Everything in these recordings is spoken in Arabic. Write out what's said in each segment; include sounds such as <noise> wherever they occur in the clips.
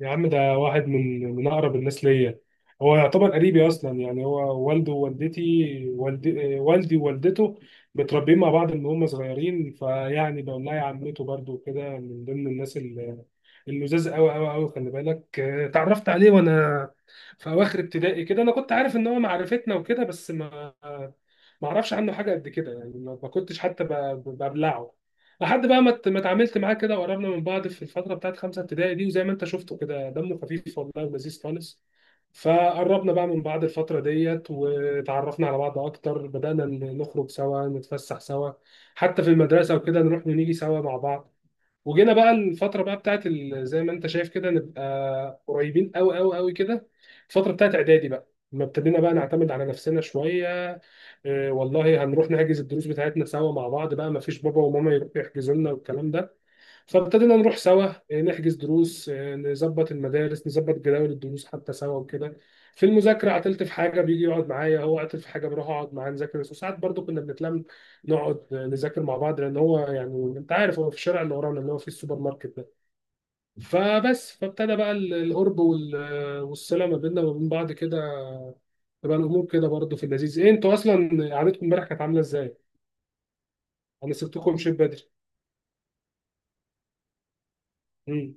يا عم ده واحد من اقرب الناس ليا. هو يعتبر قريبي اصلا، يعني هو والده ووالدتي والدي والدي ووالدته متربيين مع بعض من هم صغيرين، فيعني بقول لها يا عمته. برضو كده من ضمن الناس اللي اللزاز قوي قوي قوي، خلي بالك. اتعرفت عليه وانا في اواخر ابتدائي كده. انا كنت عارف ان هو معرفتنا وكده، بس ما اعرفش عنه حاجه قد كده، يعني ما كنتش حتى ببلعه لحد بقى ما اتعاملت معاه كده وقربنا من بعض في الفتره بتاعت خمسه ابتدائي دي. وزي ما انت شفته كده، دمه خفيف والله ولذيذ خالص. فقربنا بقى من بعض الفترة ديت، وتعرفنا على بعض أكتر، بدأنا نخرج سوا، نتفسح سوا حتى في المدرسة وكده، نروح ونيجي سوا مع بعض. وجينا بقى الفتره بقى بتاعت زي ما انت شايف كده نبقى قريبين قوي قوي قوي كده. الفتره بتاعت اعدادي بقى، لما ابتدينا بقى نعتمد على نفسنا شويه، إيه والله هنروح نحجز الدروس بتاعتنا سوا مع بعض بقى، ما فيش بابا وماما يروحوا يحجزوا لنا والكلام ده. فابتدينا نروح سوا، نحجز دروس، نظبط المدارس، نظبط جداول الدروس حتى سوا وكده. في المذاكرة عطلت في حاجة بيجي يقعد معايا، هو عطل في حاجة بروح أقعد معاه نذاكر، وساعات برضو كنا بنتلم نقعد نذاكر مع بعض، لأن هو يعني أنت عارف هو في الشارع اللي ورانا، اللي هو في السوبر ماركت ده. فبس فابتدى بقى القرب والصلة ما بيننا وبين بعض كده، تبقى الأمور كده برضو في اللذيذ. إيه، أنتوا أصلا قعدتكم امبارح كانت عاملة إزاي؟ أنا سبتكم مشيت بدري. مم.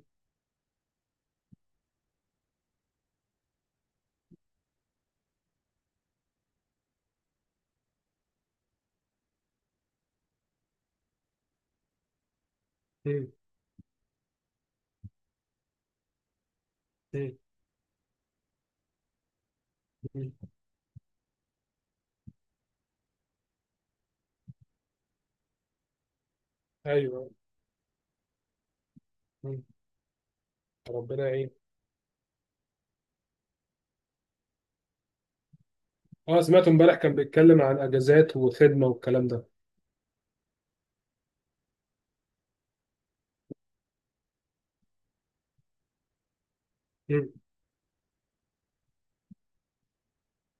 مم. مم. مم. أيوه. ربنا يعين. اه، سمعت امبارح كان بيتكلم عن اجازات وخدمه والكلام ده. مم.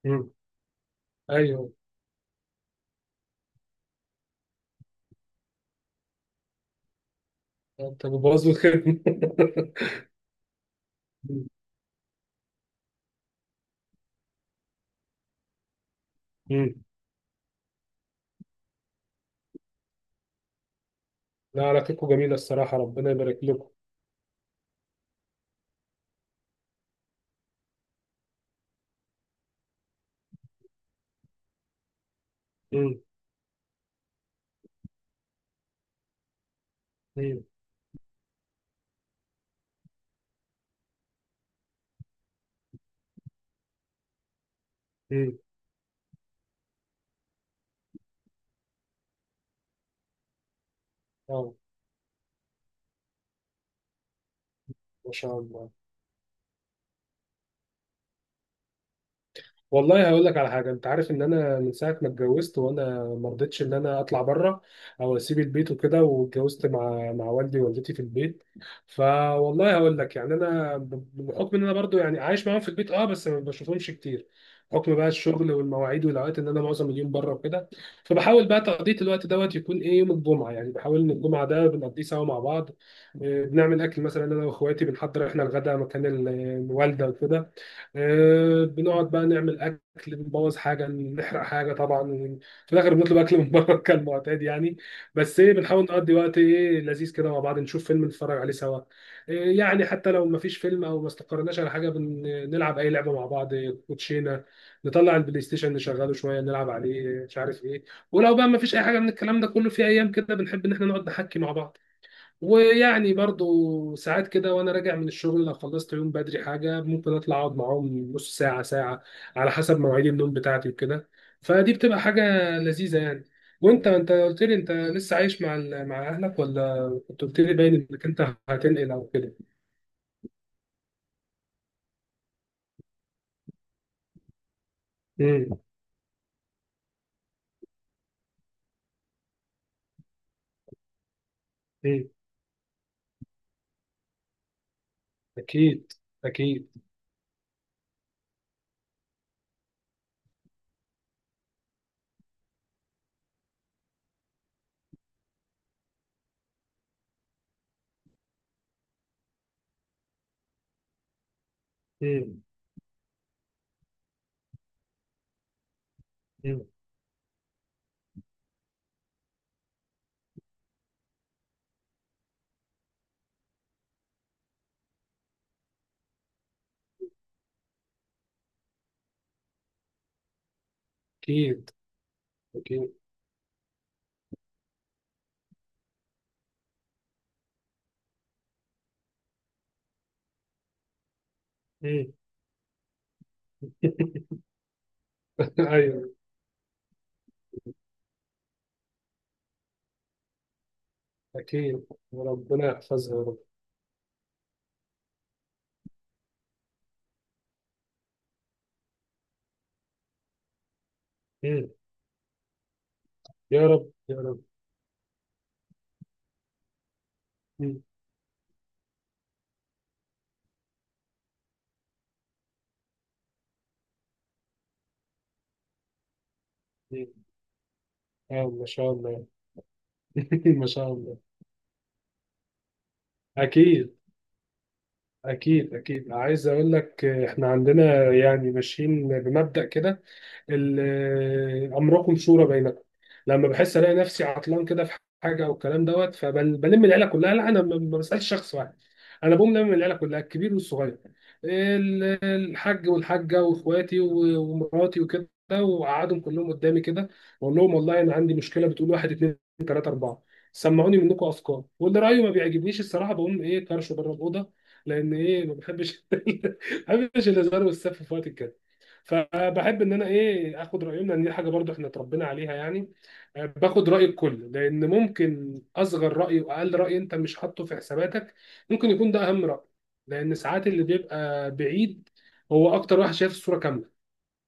مم. ايوه. انت بتبوظ له الخدمه؟ <laughs> مم. مم. لا، علاقتكم جميله الصراحه، ربنا يبارك لكم. مم. مم. مم. اه ما شاء الله. والله هقول لك على حاجه، انت عارف ان انا من ساعه ما اتجوزت وانا ما رضيتش ان انا اطلع بره او اسيب البيت وكده، واتجوزت مع والدي ووالدتي في البيت. فوالله هقول لك، يعني انا بحكم ان انا برضو يعني عايش معاهم في البيت، اه بس ما بشوفهمش كتير، حكم بقى الشغل والمواعيد والاوقات ان انا معظم اليوم بره وكده. فبحاول بقى تقضيه الوقت دوت يكون ايه، يوم الجمعه، يعني بحاول ان الجمعه ده بنقضيه سوا مع بعض. بنعمل اكل مثلا، انا واخواتي بنحضر احنا الغداء مكان الوالده وكده. بنقعد بقى نعمل اكل، بنبوظ حاجه، نحرق حاجه طبعا، في الاخر بنطلب اكل من بره <laughs> كالمعتاد يعني. بس ايه، بنحاول نقضي وقت ايه لذيذ كده مع بعض، نشوف فيلم نتفرج عليه سوا. إيه يعني، حتى لو ما فيش فيلم او ما استقرناش على حاجه، بنلعب اي لعبه مع بعض، إيه، كوتشينه، نطلع البلاي ستيشن نشغله شويه نلعب عليه، إيه، مش عارف ايه. ولو بقى ما فيش اي حاجه من الكلام ده كله، في ايام كده بنحب ان احنا نقعد نحكي مع بعض. ويعني برضو ساعات كده وانا راجع من الشغل لو خلصت يوم بدري حاجه، ممكن اطلع اقعد معاهم نص ساعه ساعه، على حسب مواعيد النوم بتاعتي وكده. فدي بتبقى حاجه لذيذه يعني. وانت، انت قلت لي انت لسه عايش مع مع اهلك، ولا كنت قلت لي باين انك انت هتنقل او كده؟ امم. امم. اكيد. اكيد. امم. امم. اكيد. اكيد. امم. <laughs> ايوه. اكيد، وربنا يحفظها يا رب. مم. يا رب يا رب. مم. مم. آه ما شاء الله. <laughs> ما شاء الله. أكيد. أكيد أكيد، عايز أقول لك، إحنا عندنا يعني ماشيين بمبدأ كده، امركم شورى بينكم. لما بحس الاقي نفسي عطلان كده في حاجه والكلام دوت، فبلم العيله كلها. لا، انا ما بسالش شخص واحد، انا بقوم لم العيله كلها، الكبير والصغير، الحاج والحاجه واخواتي ومراتي وكده، وقعدهم كلهم قدامي كده، واقول لهم والله انا عندي مشكله، بتقول واحد، اتنين، تلاته، اربعه، سمعوني منكم افكار، واللي رايه ما بيعجبنيش الصراحه بقوم ايه طرشه بره الاوضه، لان ايه ما بحبش <laughs> ما بحبش الهزار والسف في وقت الكلام. فبحب ان انا ايه اخد رايهم، لان دي حاجه برضو احنا اتربينا عليها يعني. باخد راي الكل، لان ممكن اصغر راي واقل راي انت مش حاطه في حساباتك ممكن يكون ده اهم راي، لان ساعات اللي بيبقى بعيد هو اكتر واحد شايف الصوره كامله.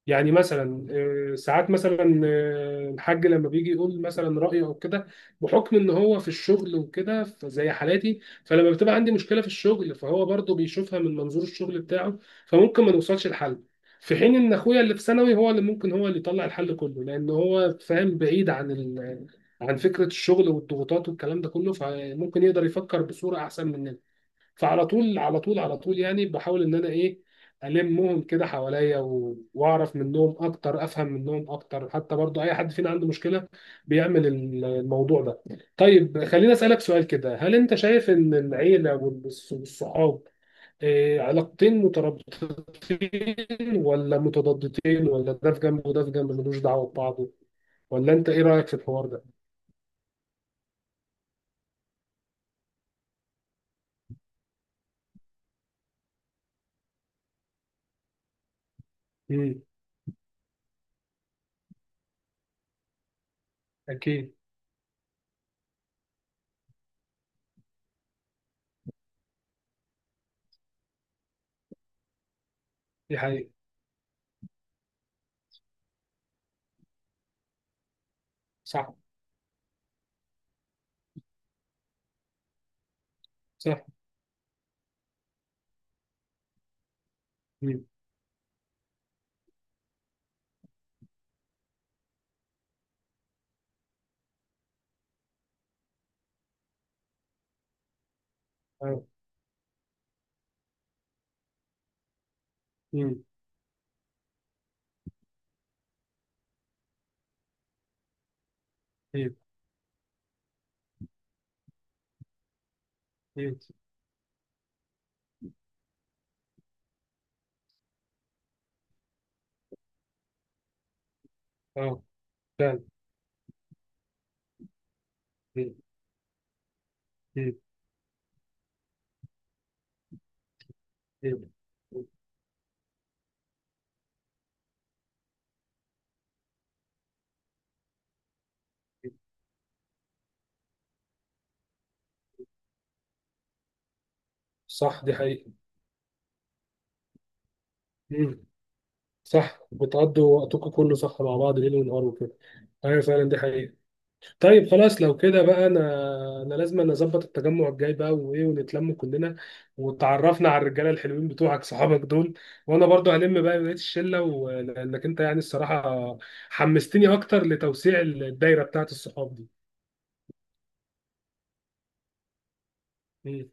يعني مثلا، ساعات مثلا الحاج لما بيجي يقول مثلا رأيه او كده، بحكم ان هو في الشغل وكده فزي حالاتي، فلما بتبقى عندي مشكلة في الشغل، فهو برضه بيشوفها من منظور الشغل بتاعه، فممكن ما نوصلش لحل. في حين ان اخويا اللي في ثانوي هو اللي ممكن هو اللي يطلع الحل كله، لان هو فاهم بعيد عن ال... عن فكرة الشغل والضغوطات والكلام ده كله، فممكن يقدر يفكر بصورة احسن مننا. فعلى طول على طول على طول يعني بحاول ان انا ايه، المهم كده حواليا واعرف منهم اكتر، افهم منهم اكتر. حتى برضو اي حد فينا عنده مشكله بيعمل الموضوع ده. طيب خليني اسالك سؤال كده، هل انت شايف ان العيله والصحاب، علاقتين مترابطتين، ولا متضادتين، ولا ده في جنب وده في جنب ملوش دعوه ببعضه؟ ولا انت ايه رايك في الحوار ده؟ امم. اكيد. دي حقيقه. صح. صح. امم. اه. امم. اه، فعلا. مم. مم. مم. صح دي حقيقة. مم. صح، بتقضوا وقتكم كله صح مع بعض، ليل ونهار وكده. ايوه فعلا، دي حقيقة. طيب خلاص لو كده بقى، انا انا لازم نظبط التجمع الجاي بقى وايه، ونتلم كلنا، وتعرفنا على الرجالة الحلوين بتوعك صحابك دول. وانا برضو هلم بقى بقية الشلة لانك انت يعني الصراحة حمستني اكتر لتوسيع الدايرة بتاعت الصحاب دي. مم. ان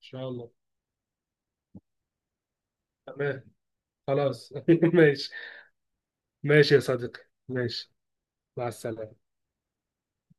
شاء الله. تمام. خلاص <laughs> ماشي. ماشي يا صديقي. ماشي. مع السلامة.